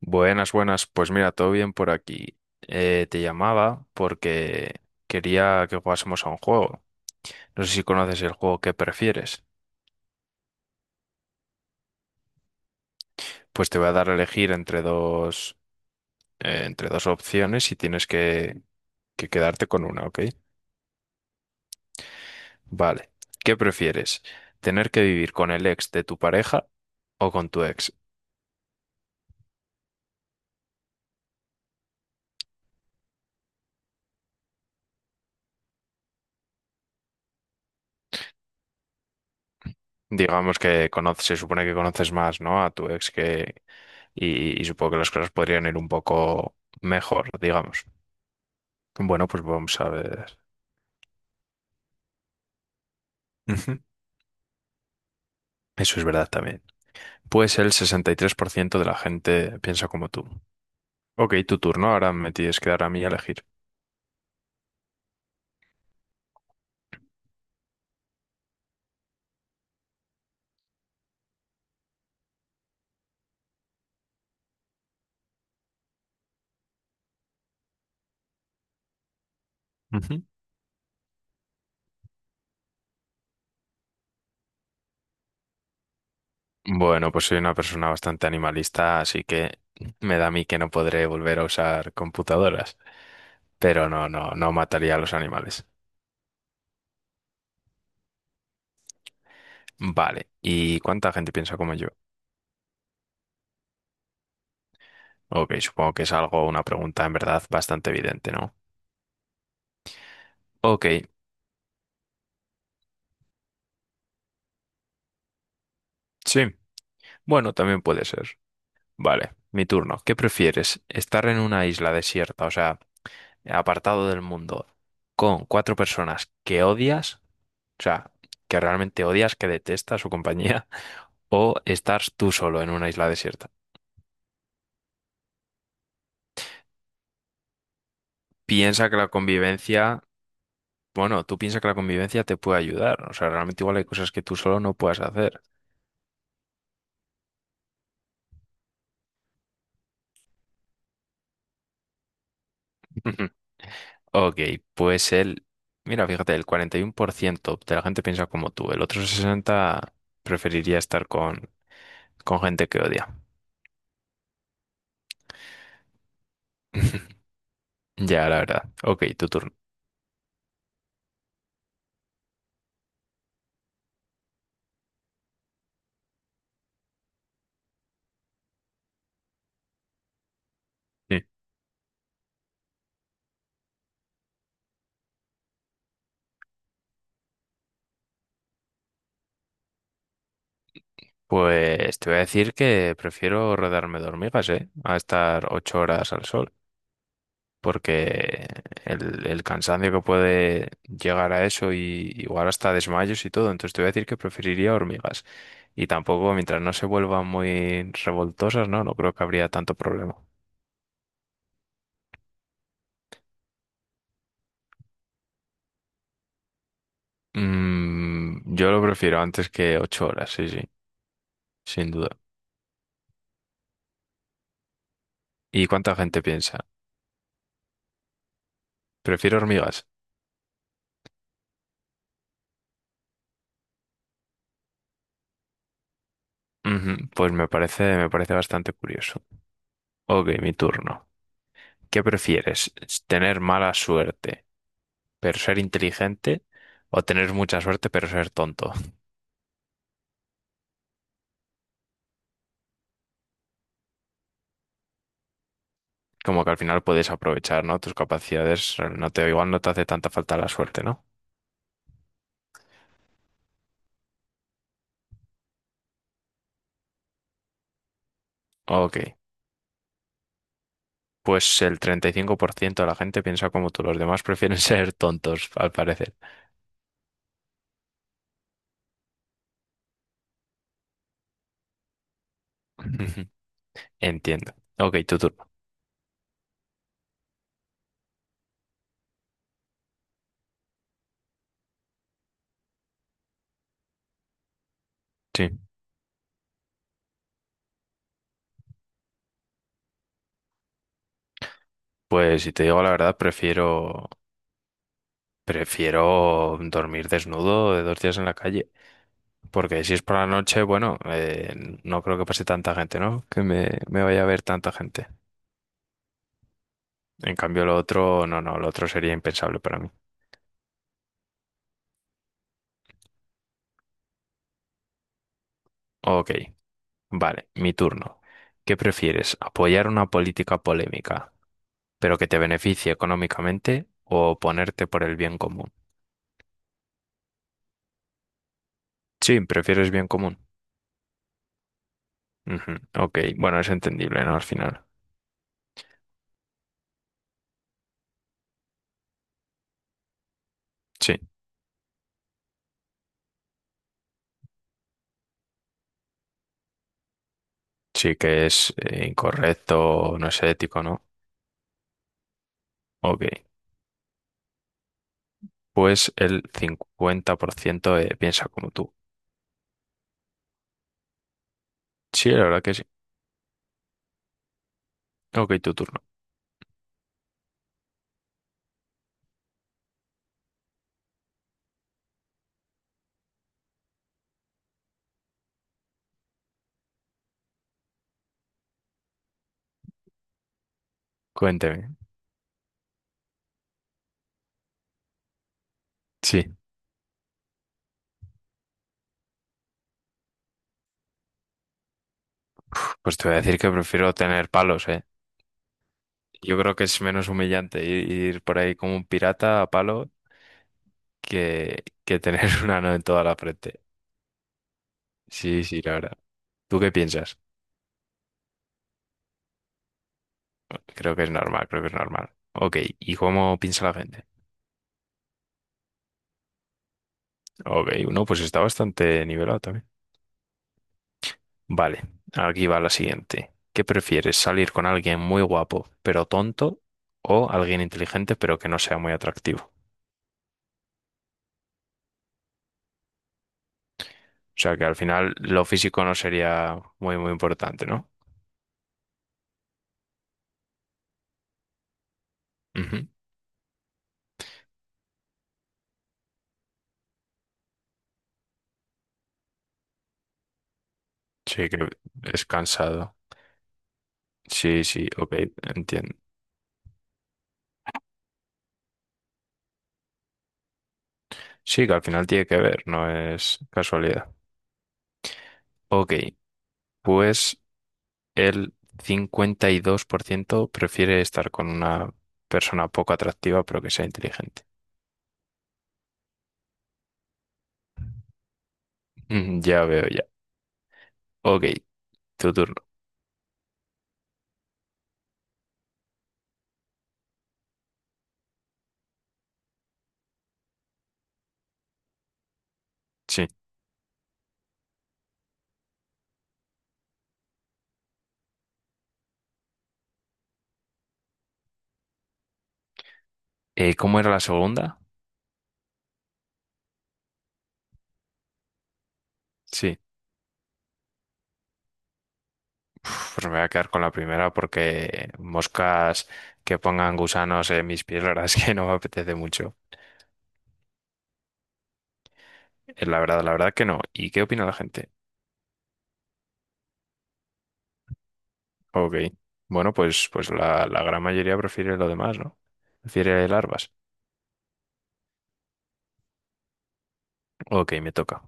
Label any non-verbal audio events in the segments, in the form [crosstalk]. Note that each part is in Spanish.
Buenas, buenas. Pues mira, todo bien por aquí. Te llamaba porque quería que jugásemos a un juego. No sé si conoces el juego que prefieres. Pues te voy a dar a elegir entre dos opciones y que quedarte con una, ¿ok? Vale. ¿Qué prefieres? ¿Tener que vivir con el ex de tu pareja o con tu ex? Digamos que conoces, se supone que conoces más, ¿no? A tu ex y supongo que las cosas podrían ir un poco mejor, digamos. Bueno, pues vamos a ver. Ujú. Eso es verdad también. Pues el 63% de la gente piensa como tú. Ok, tu turno. Ahora me tienes que dar a mí a elegir. Ujú. Bueno, pues soy una persona bastante animalista, así que me da a mí que no podré volver a usar computadoras. Pero no, no, no mataría a los animales. Vale. ¿Y cuánta gente piensa como yo? Ok, supongo que es algo, una pregunta en verdad bastante evidente, ¿no? Ok, sí. Bueno, también puede ser. Vale, mi turno. ¿Qué prefieres? ¿Estar en una isla desierta, o sea, apartado del mundo, con cuatro personas que odias, o sea, que realmente odias, que detestas su compañía, [laughs] o estar tú solo en una isla desierta? Piensa que la convivencia, bueno, tú piensa que la convivencia te puede ayudar, o sea, realmente igual hay cosas que tú solo no puedes hacer. [laughs] Ok, pues el, mira, fíjate, el 41% de la gente piensa como tú, el otro 60% preferiría estar con gente que odia. [laughs] Ya, la verdad. Ok, tu turno. Sí. Pues te voy a decir que prefiero rodearme de hormigas, ¿eh? A estar 8 horas al sol, porque el cansancio que puede llegar a eso y igual hasta desmayos y todo, entonces te voy a decir que preferiría hormigas. Y tampoco, mientras no se vuelvan muy revoltosas, no, no creo que habría tanto problema. Yo lo prefiero antes que 8 horas, sí, sí, sin duda. ¿Y cuánta gente piensa? Prefiero hormigas. Ujú. Pues me parece bastante curioso. Ok, mi turno. ¿Qué prefieres? ¿Tener mala suerte, pero ser inteligente? ¿O tener mucha suerte, pero ser tonto? Como que al final puedes aprovechar, ¿no? Tus capacidades, igual no te hace tanta falta la suerte, ¿no? Ok. Pues el 35% de la gente piensa como tú, los demás prefieren [laughs] ser tontos, al parecer. [laughs] Entiendo. Ok, tu turno. Sí. Pues si te digo la verdad, prefiero. Prefiero dormir desnudo de dos días en la calle. Porque si es por la noche, bueno, no creo que pase tanta gente, ¿no? Me vaya a ver tanta gente. En cambio, lo otro, no, no, lo otro sería impensable para mí. Ok, vale, mi turno. ¿Qué prefieres? ¿Apoyar una política polémica, pero que te beneficie económicamente, o ponerte por el bien común? Sí, prefieres bien común. Ujú. Ok, bueno, es entendible, ¿no? Al final. Sí, sí que es incorrecto, no es ético, ¿no? Ok, pues el 50% piensa como tú. Sí, la verdad que sí. Ok, tu turno. Cuénteme. Sí. Uf, pues te voy a decir que prefiero tener palos, ¿eh? Yo creo que es menos humillante ir por ahí como un pirata a palo que tener [laughs] una ano en toda la frente. Sí, sí, la verdad. ¿Tú qué piensas? Creo que es normal, creo que es normal. Ok, ¿y cómo piensa la gente? Ok, uno, pues está bastante nivelado también. Vale, aquí va la siguiente. ¿Qué prefieres, salir con alguien muy guapo pero tonto o alguien inteligente pero que no sea muy atractivo? O sea que al final lo físico no sería muy, muy importante, ¿no? Ujú. Sí, que es cansado. Sí, sí, ok, entiendo. Sí, que al final tiene que ver, no es casualidad. Ok, pues el 52% prefiere estar con una persona poco atractiva pero que sea inteligente. Mm, ya veo, ya. Ok, tu turno. Sí. ¿Cómo era la segunda? Sí. Uf, pues me voy a quedar con la primera porque moscas que pongan gusanos en mis pies, la verdad es que no me apetece mucho. La verdad que no. ¿Y qué opina la gente? Ok. Bueno, pues la gran mayoría prefiere lo demás, ¿no? Prefiere larvas. Ok, me toca.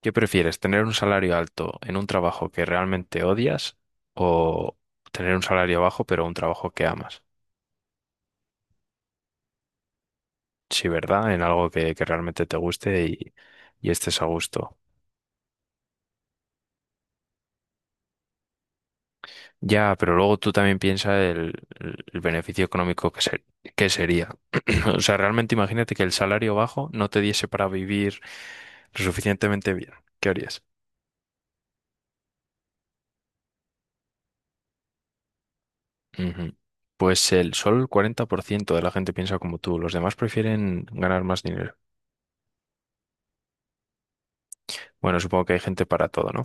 ¿Qué prefieres? ¿Tener un salario alto en un trabajo que realmente odias o tener un salario bajo pero un trabajo que amas? Sí, ¿verdad? En algo que realmente te guste y estés a gusto. Ya, pero luego tú también piensas el beneficio económico que sería. [clears throat] O sea, realmente imagínate que el salario bajo no te diese para vivir lo suficientemente bien. ¿Qué harías? Ujú. Pues el solo el 40% de la gente piensa como tú, los demás prefieren ganar más dinero. Bueno, supongo que hay gente para todo, ¿no?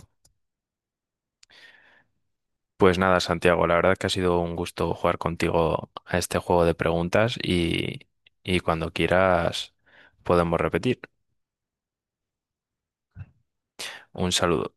Pues nada, Santiago, la verdad que ha sido un gusto jugar contigo a este juego de preguntas y cuando quieras podemos repetir. Un saludo.